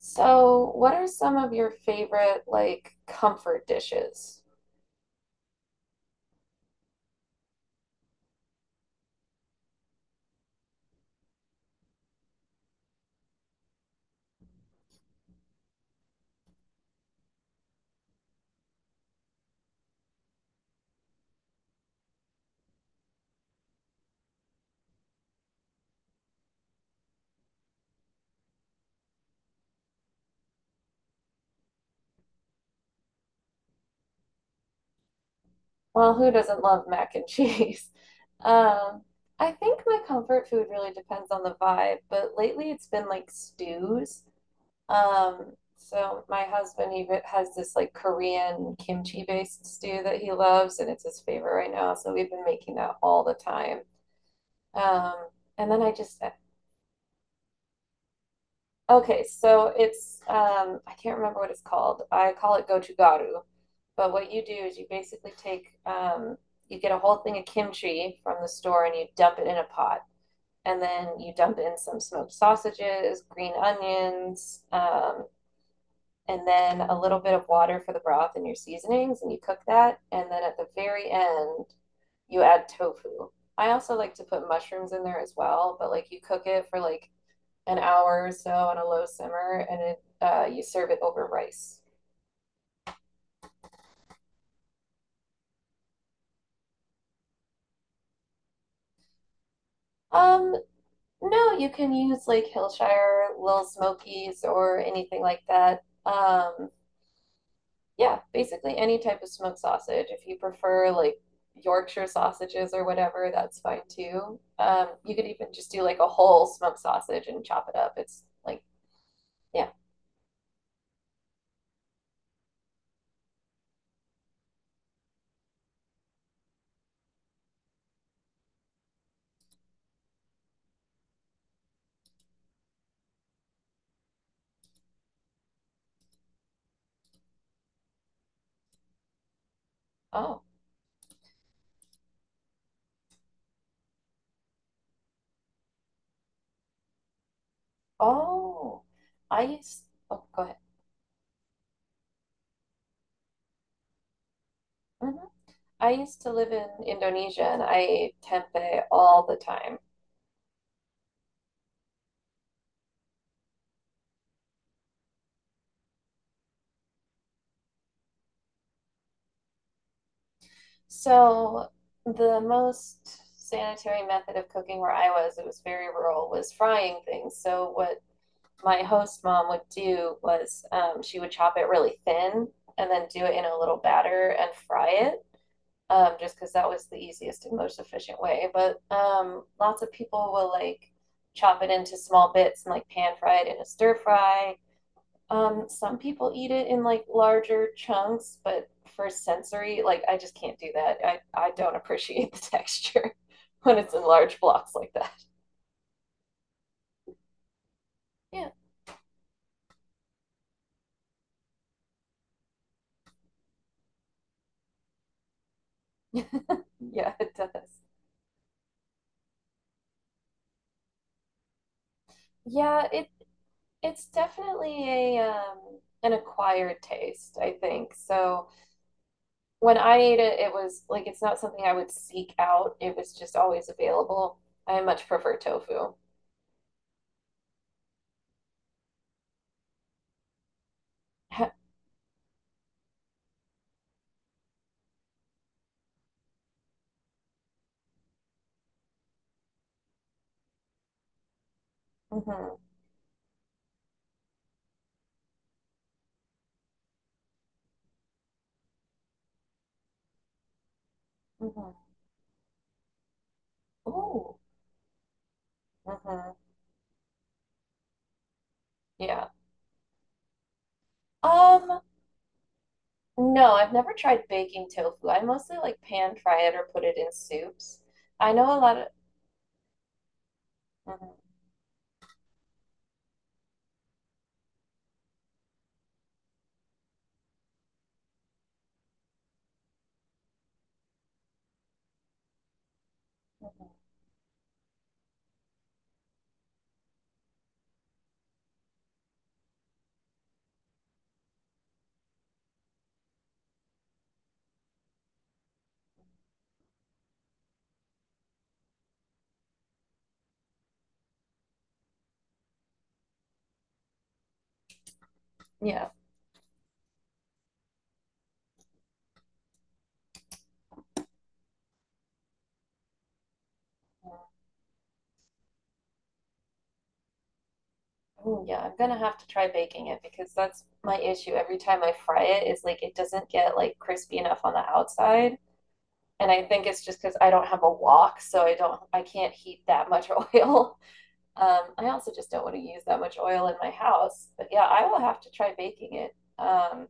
So, what are some of your favorite like comfort dishes? Well, who doesn't love mac and cheese? Um, I think my comfort food really depends on the vibe, but lately it's been like stews. So my husband even has this like Korean kimchi based stew that he loves, and it's his favorite right now. So we've been making that all the time. Um, and then I just. Okay, so it's I can't remember what it's called. I call it gochugaru. But what you do is you basically take you get a whole thing of kimchi from the store and you dump it in a pot. And then you dump in some smoked sausages, green onions, and then a little bit of water for the broth and your seasonings, and you cook that. And then at the very end, you add tofu. I also like to put mushrooms in there as well, but like you cook it for like an hour or so on a low simmer, and it you serve it over rice. Um, no, you can use like Hillshire, Little Smokies, or anything like that. Yeah, basically any type of smoked sausage. If you prefer like Yorkshire sausages or whatever, that's fine too. You could even just do like a whole smoked sausage and chop it up. It's like, yeah. Oh, oh, I used. Oh, go ahead. Mhm. I used to live in Indonesia and I ate tempeh all the time. So the most sanitary method of cooking where I was, it was very rural, was frying things. So what my host mom would do was she would chop it really thin and then do it in a little batter and fry it. Just because that was the easiest and most efficient way. But lots of people will like chop it into small bits and like pan fry it in a stir fry. Some people eat it in like larger chunks, but for sensory, like I just can't do that. I don't appreciate the texture when it's in large blocks like that. Yeah. Yeah, it does. Yeah, it's definitely a an acquired taste, I think. So when I ate it, it was like it's not something I would seek out. It was just always available. I much prefer tofu. Hmm. Hmm. Ooh. Hmm. Yeah. Um, no, I've never tried baking tofu. I mostly like pan fry it or put it in soups. I know a lot of, mhm, mhm, yeah. Oh, yeah, I'm gonna have to try baking it because that's my issue. Every time I fry it, it's like it doesn't get like crispy enough on the outside. And I think it's just because I don't have a wok, so I don't, I can't heat that much oil. I also just don't want to use that much oil in my house. But yeah, I will have to try baking it.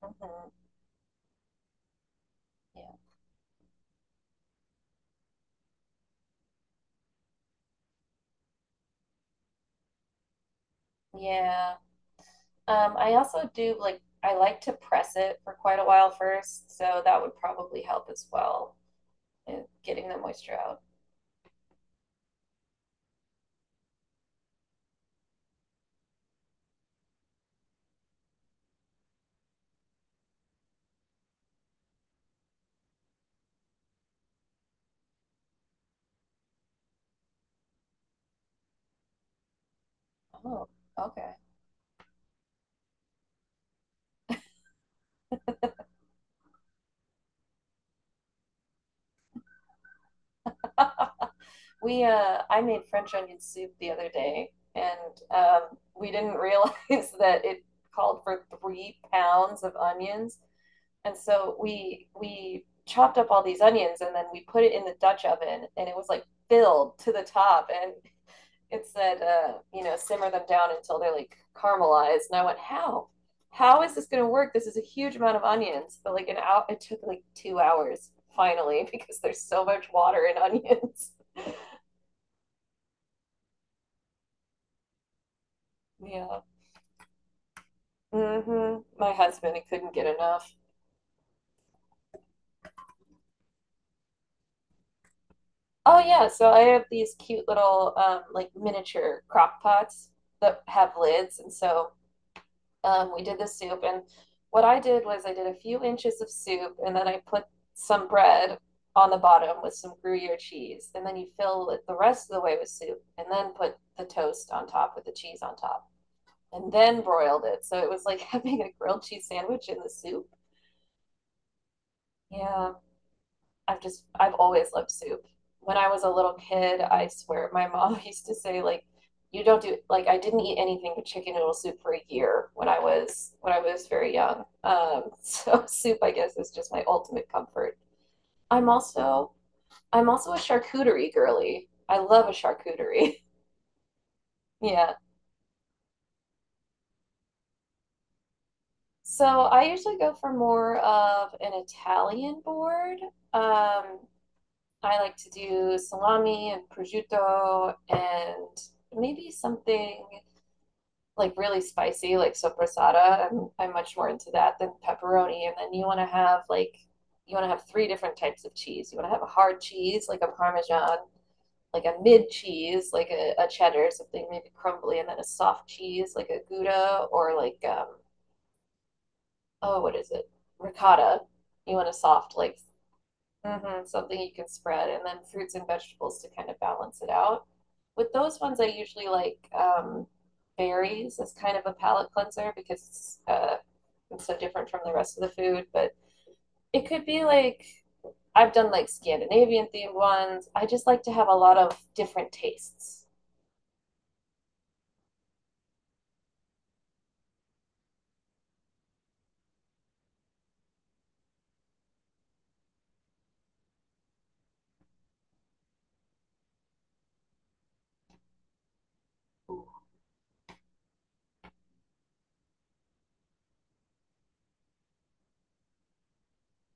Mhm, yeah. Yeah. I also do like I like to press it for quite a while first, so that would probably help as well in getting the moisture out. Oh, okay. We I made French onion soup the other day and we didn't realize that it called for 3 pounds of onions. And so we chopped up all these onions and then we put it in the Dutch oven and it was like filled to the top, and it said you know, simmer them down until they're like caramelized, and I went how is this going to work, this is a huge amount of onions, but like an hour, it took like 2 hours finally because there's so much water in onions. Yeah. Hmm, my husband, he couldn't get enough. Oh yeah, so I have these cute little like miniature crock pots that have lids, and so we did the soup, and what I did was I did a few inches of soup, and then I put some bread on the bottom with some Gruyere cheese, and then you fill it the rest of the way with soup, and then put the toast on top with the cheese on top, and then broiled it. So it was like having a grilled cheese sandwich in the soup. Yeah. I've just I've always loved soup. When I was a little kid, I swear my mom used to say like you don't do like I didn't eat anything but chicken noodle soup for a year when I was very young. So soup I guess is just my ultimate comfort. I'm also I'm also a charcuterie girly. I love a charcuterie. Yeah. So I usually go for more of an Italian board. Um, I like to do salami and prosciutto, and maybe something like really spicy, like sopressata. I'm much more into that than pepperoni. And then you want to have like, you want to have three different types of cheese. You want to have a hard cheese, like a Parmesan, like a mid cheese, like a cheddar, something maybe crumbly, and then a soft cheese, like a Gouda, or like, oh, what is it? Ricotta. You want a soft, like, mhm, something you can spread, and then fruits and vegetables to kind of balance it out. With those ones, I usually like berries as kind of a palate cleanser, because it's so different from the rest of the food. But it could be like I've done like Scandinavian themed ones. I just like to have a lot of different tastes.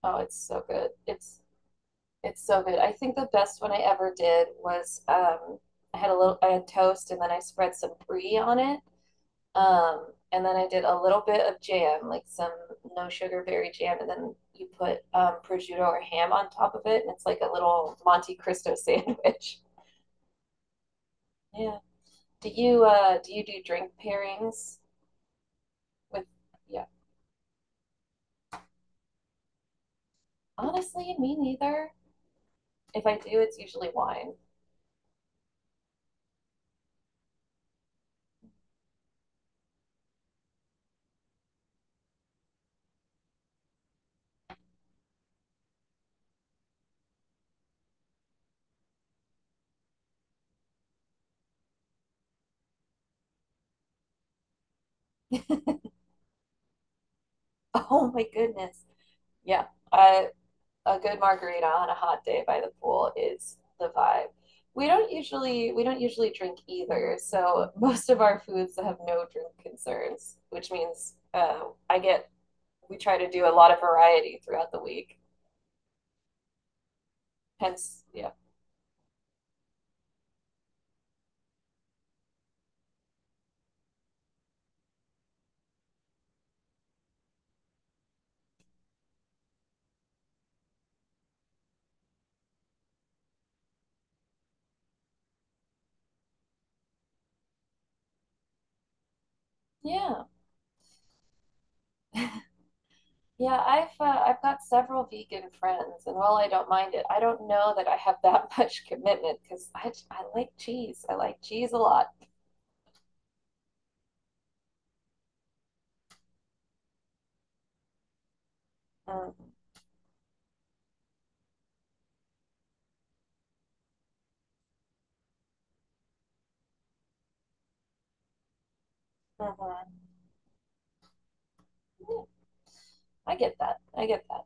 Oh, it's so good. It's so good. I think the best one I ever did was I had toast and then I spread some brie on it. And then I did a little bit of jam, like some no sugar berry jam, and then you put prosciutto or ham on top of it, and it's like a little Monte Cristo sandwich. Yeah. Do you do you do drink pairings with? Yeah. Honestly, me neither. If I do, it's usually wine. Oh my goodness. Yeah. A good margarita on a hot day by the pool is the vibe. We don't usually drink either, so most of our foods have no drink concerns, which means I get we try to do a lot of variety throughout the week. Hence, yeah, yeah, yeah. I've got several vegan friends, and while I don't mind it, I don't know that I have that much commitment because I like cheese. I like cheese a lot. Mm-hmm. Yeah, I get that. I get that.